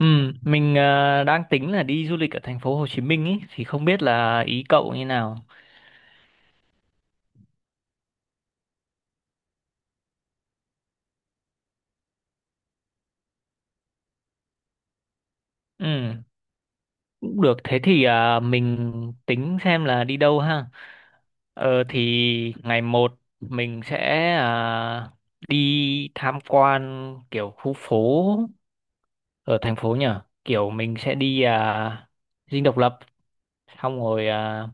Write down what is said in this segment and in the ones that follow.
Ừ, mình đang tính là đi du lịch ở thành phố Hồ Chí Minh ấy thì không biết là ý cậu như nào. Ừ, cũng được. Thế thì mình tính xem là đi đâu ha. Ờ thì ngày một mình sẽ đi tham quan kiểu khu phố ở thành phố nhỉ. Kiểu mình sẽ đi Dinh Độc Lập xong rồi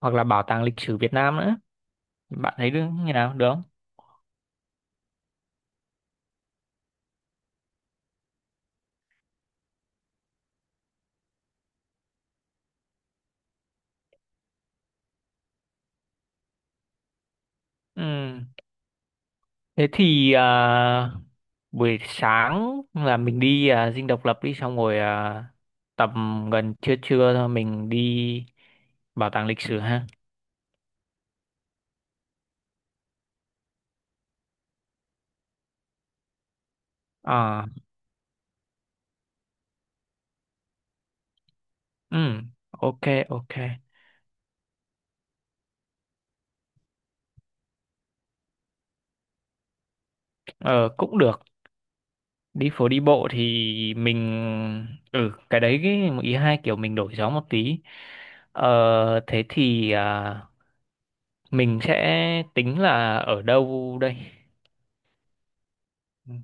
hoặc là Bảo tàng lịch sử Việt Nam nữa. Bạn thấy được như nào được không? Ừ. Thế thì buổi sáng là mình đi Dinh Độc Lập đi xong rồi tầm gần trưa trưa thôi mình đi bảo tàng lịch sử ha. À, ừ, ok, ok. Ờ, cũng được. Đi phố đi bộ thì mình ừ cái đấy cái một ý hai kiểu mình đổi gió một tí. Ờ, thế thì mình sẽ tính là ở đâu đây? Ừ,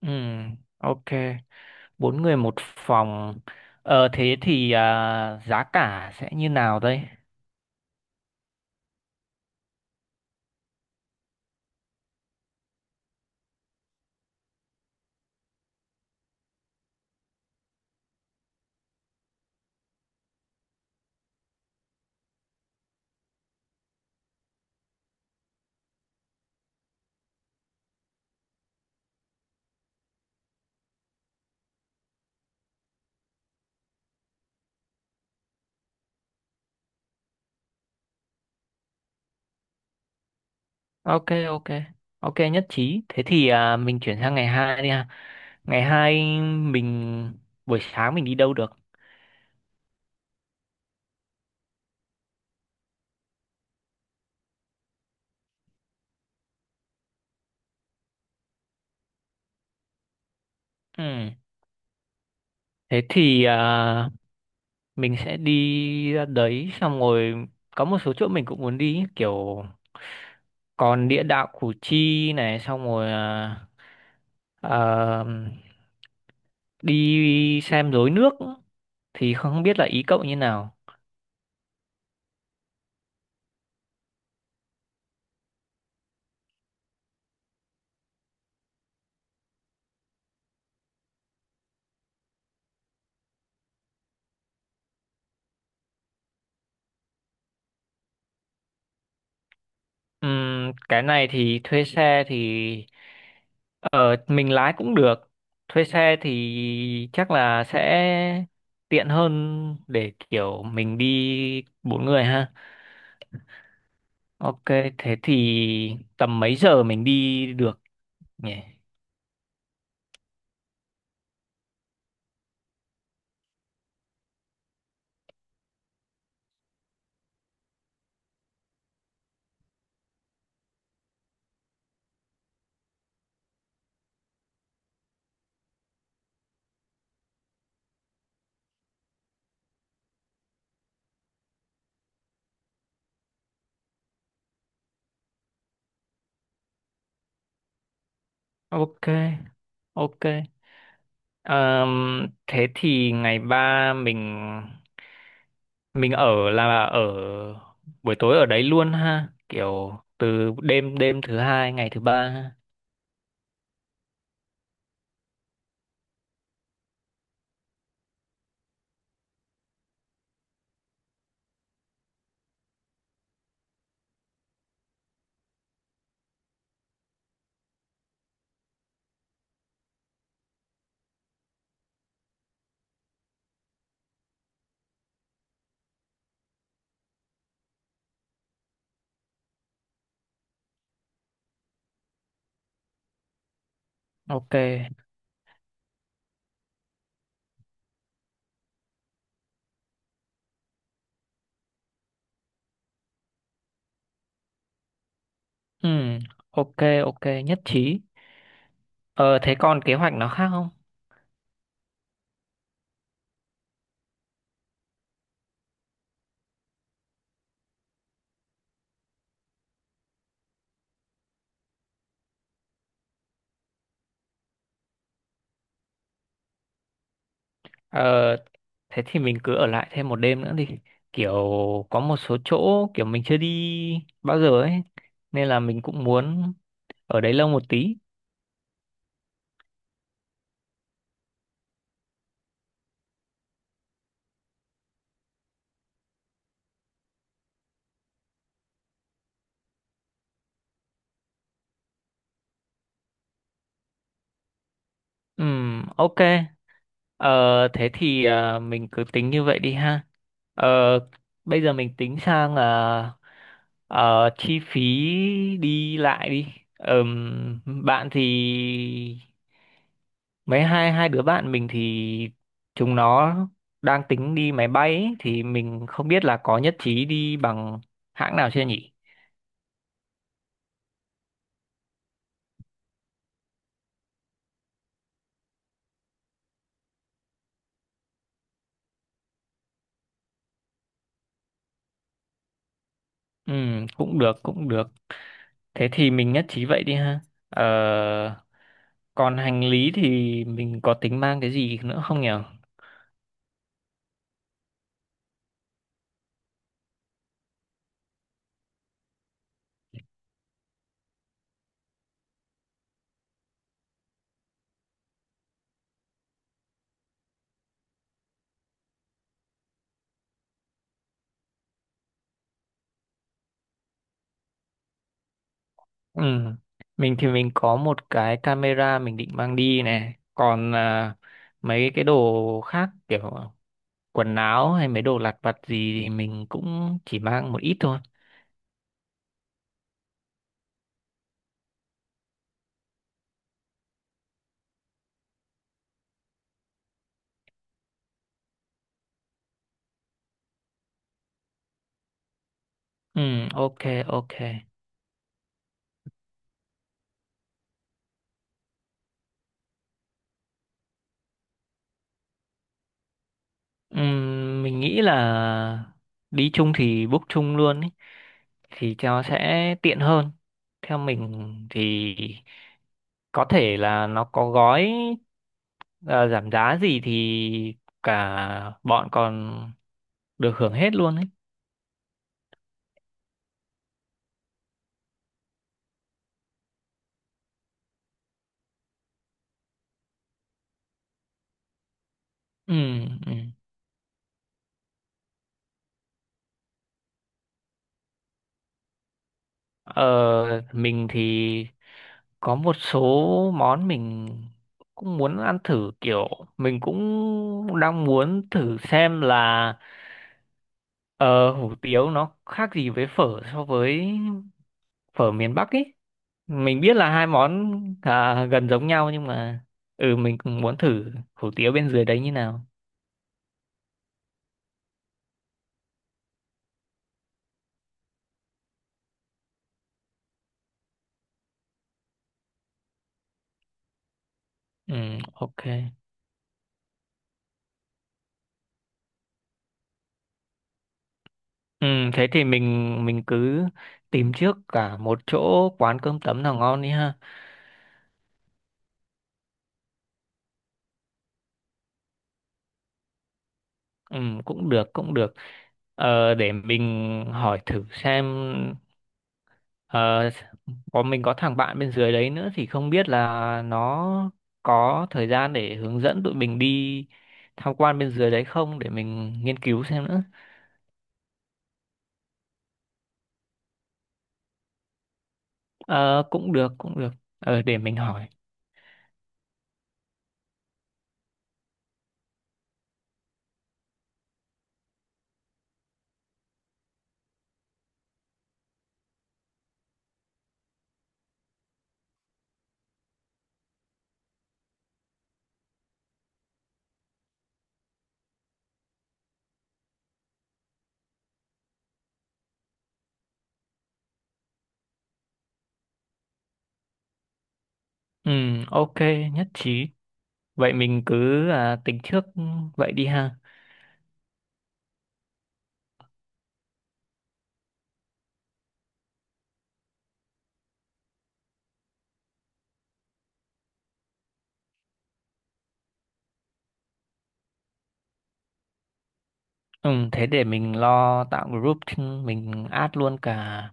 ừ, ok. Bốn người một phòng, thế thì giá cả sẽ như nào đây? Ok, ok, ok, nhất trí. Thế thì mình chuyển sang ngày hai đi ha. Ngày hai mình buổi sáng mình đi đâu được? Ừ. Thế thì mình sẽ đi ra đấy xong rồi có một số chỗ mình cũng muốn đi kiểu còn địa đạo Củ Chi này xong rồi ờ, đi xem rối nước thì không biết là ý cậu như nào. Cái này thì thuê xe thì ờ, mình lái cũng được. Thuê xe thì chắc là sẽ tiện hơn để kiểu mình đi bốn người ha. Ok, thế thì tầm mấy giờ mình đi được nhỉ? Ok, ok. Ờm, Thế thì ngày ba mình ở là ở buổi tối ở đấy luôn ha, kiểu từ đêm đêm thứ hai ngày thứ ba ha. Ok. Ừm, ok, ok, nhất trí. Ờ, thế còn kế hoạch nó khác không? Ờ, thế thì mình cứ ở lại thêm một đêm nữa đi. Kiểu có một số chỗ kiểu mình chưa đi bao giờ ấy nên là mình cũng muốn ở đấy lâu một tí. Ok. Ờ, thế thì mình cứ tính như vậy đi ha. Ờ, bây giờ mình tính sang là chi phí đi lại đi. Bạn thì mấy hai hai đứa bạn mình thì chúng nó đang tính đi máy bay ấy, thì mình không biết là có nhất trí đi bằng hãng nào chưa nhỉ? Ừ, cũng được, cũng được. Thế thì mình nhất trí vậy đi ha. Ờ, còn hành lý thì mình có tính mang cái gì nữa không nhỉ? Ừ. Mình thì mình có một cái camera mình định mang đi này. Còn mấy cái đồ khác kiểu quần áo hay mấy đồ lặt vặt gì thì mình cũng chỉ mang một ít thôi. Ừ, ok, ok. Ừ, mình nghĩ là đi chung thì book chung luôn ý. Thì cho sẽ tiện hơn. Theo mình thì có thể là nó có gói ờ, giảm giá gì thì cả bọn còn được hưởng hết luôn ấy. Ừ, ừ. Ờ, mình thì có một số món mình cũng muốn ăn thử kiểu mình cũng đang muốn thử xem là ờ, hủ tiếu nó khác gì với phở so với phở miền Bắc ý. Mình biết là hai món gần giống nhau nhưng mà mình cũng muốn thử hủ tiếu bên dưới đấy như nào. Ừ, ok, ừ, thế thì mình cứ tìm trước cả một chỗ quán cơm tấm nào ngon đi ha. Ừ, cũng được, cũng được. Ờ, để mình hỏi thử xem, ờ, mình có thằng bạn bên dưới đấy nữa thì không biết là nó có thời gian để hướng dẫn tụi mình đi tham quan bên dưới đấy không, để mình nghiên cứu xem nữa. Ờ, cũng được, cũng được. Ờ, để mình hỏi. Ừ, ok, nhất trí. Vậy mình cứ tính trước vậy đi ha. Ừ, thế để mình lo tạo group, thì mình add luôn cả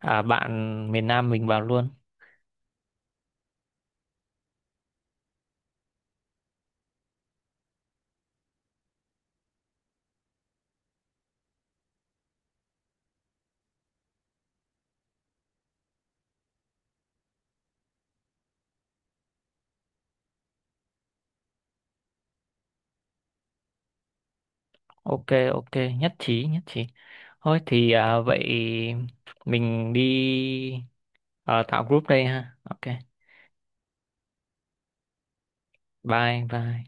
bạn miền Nam mình vào luôn. Ok, ok, nhất trí, nhất trí. Thôi thì vậy mình đi tạo group đây ha. Ok, bye, bye.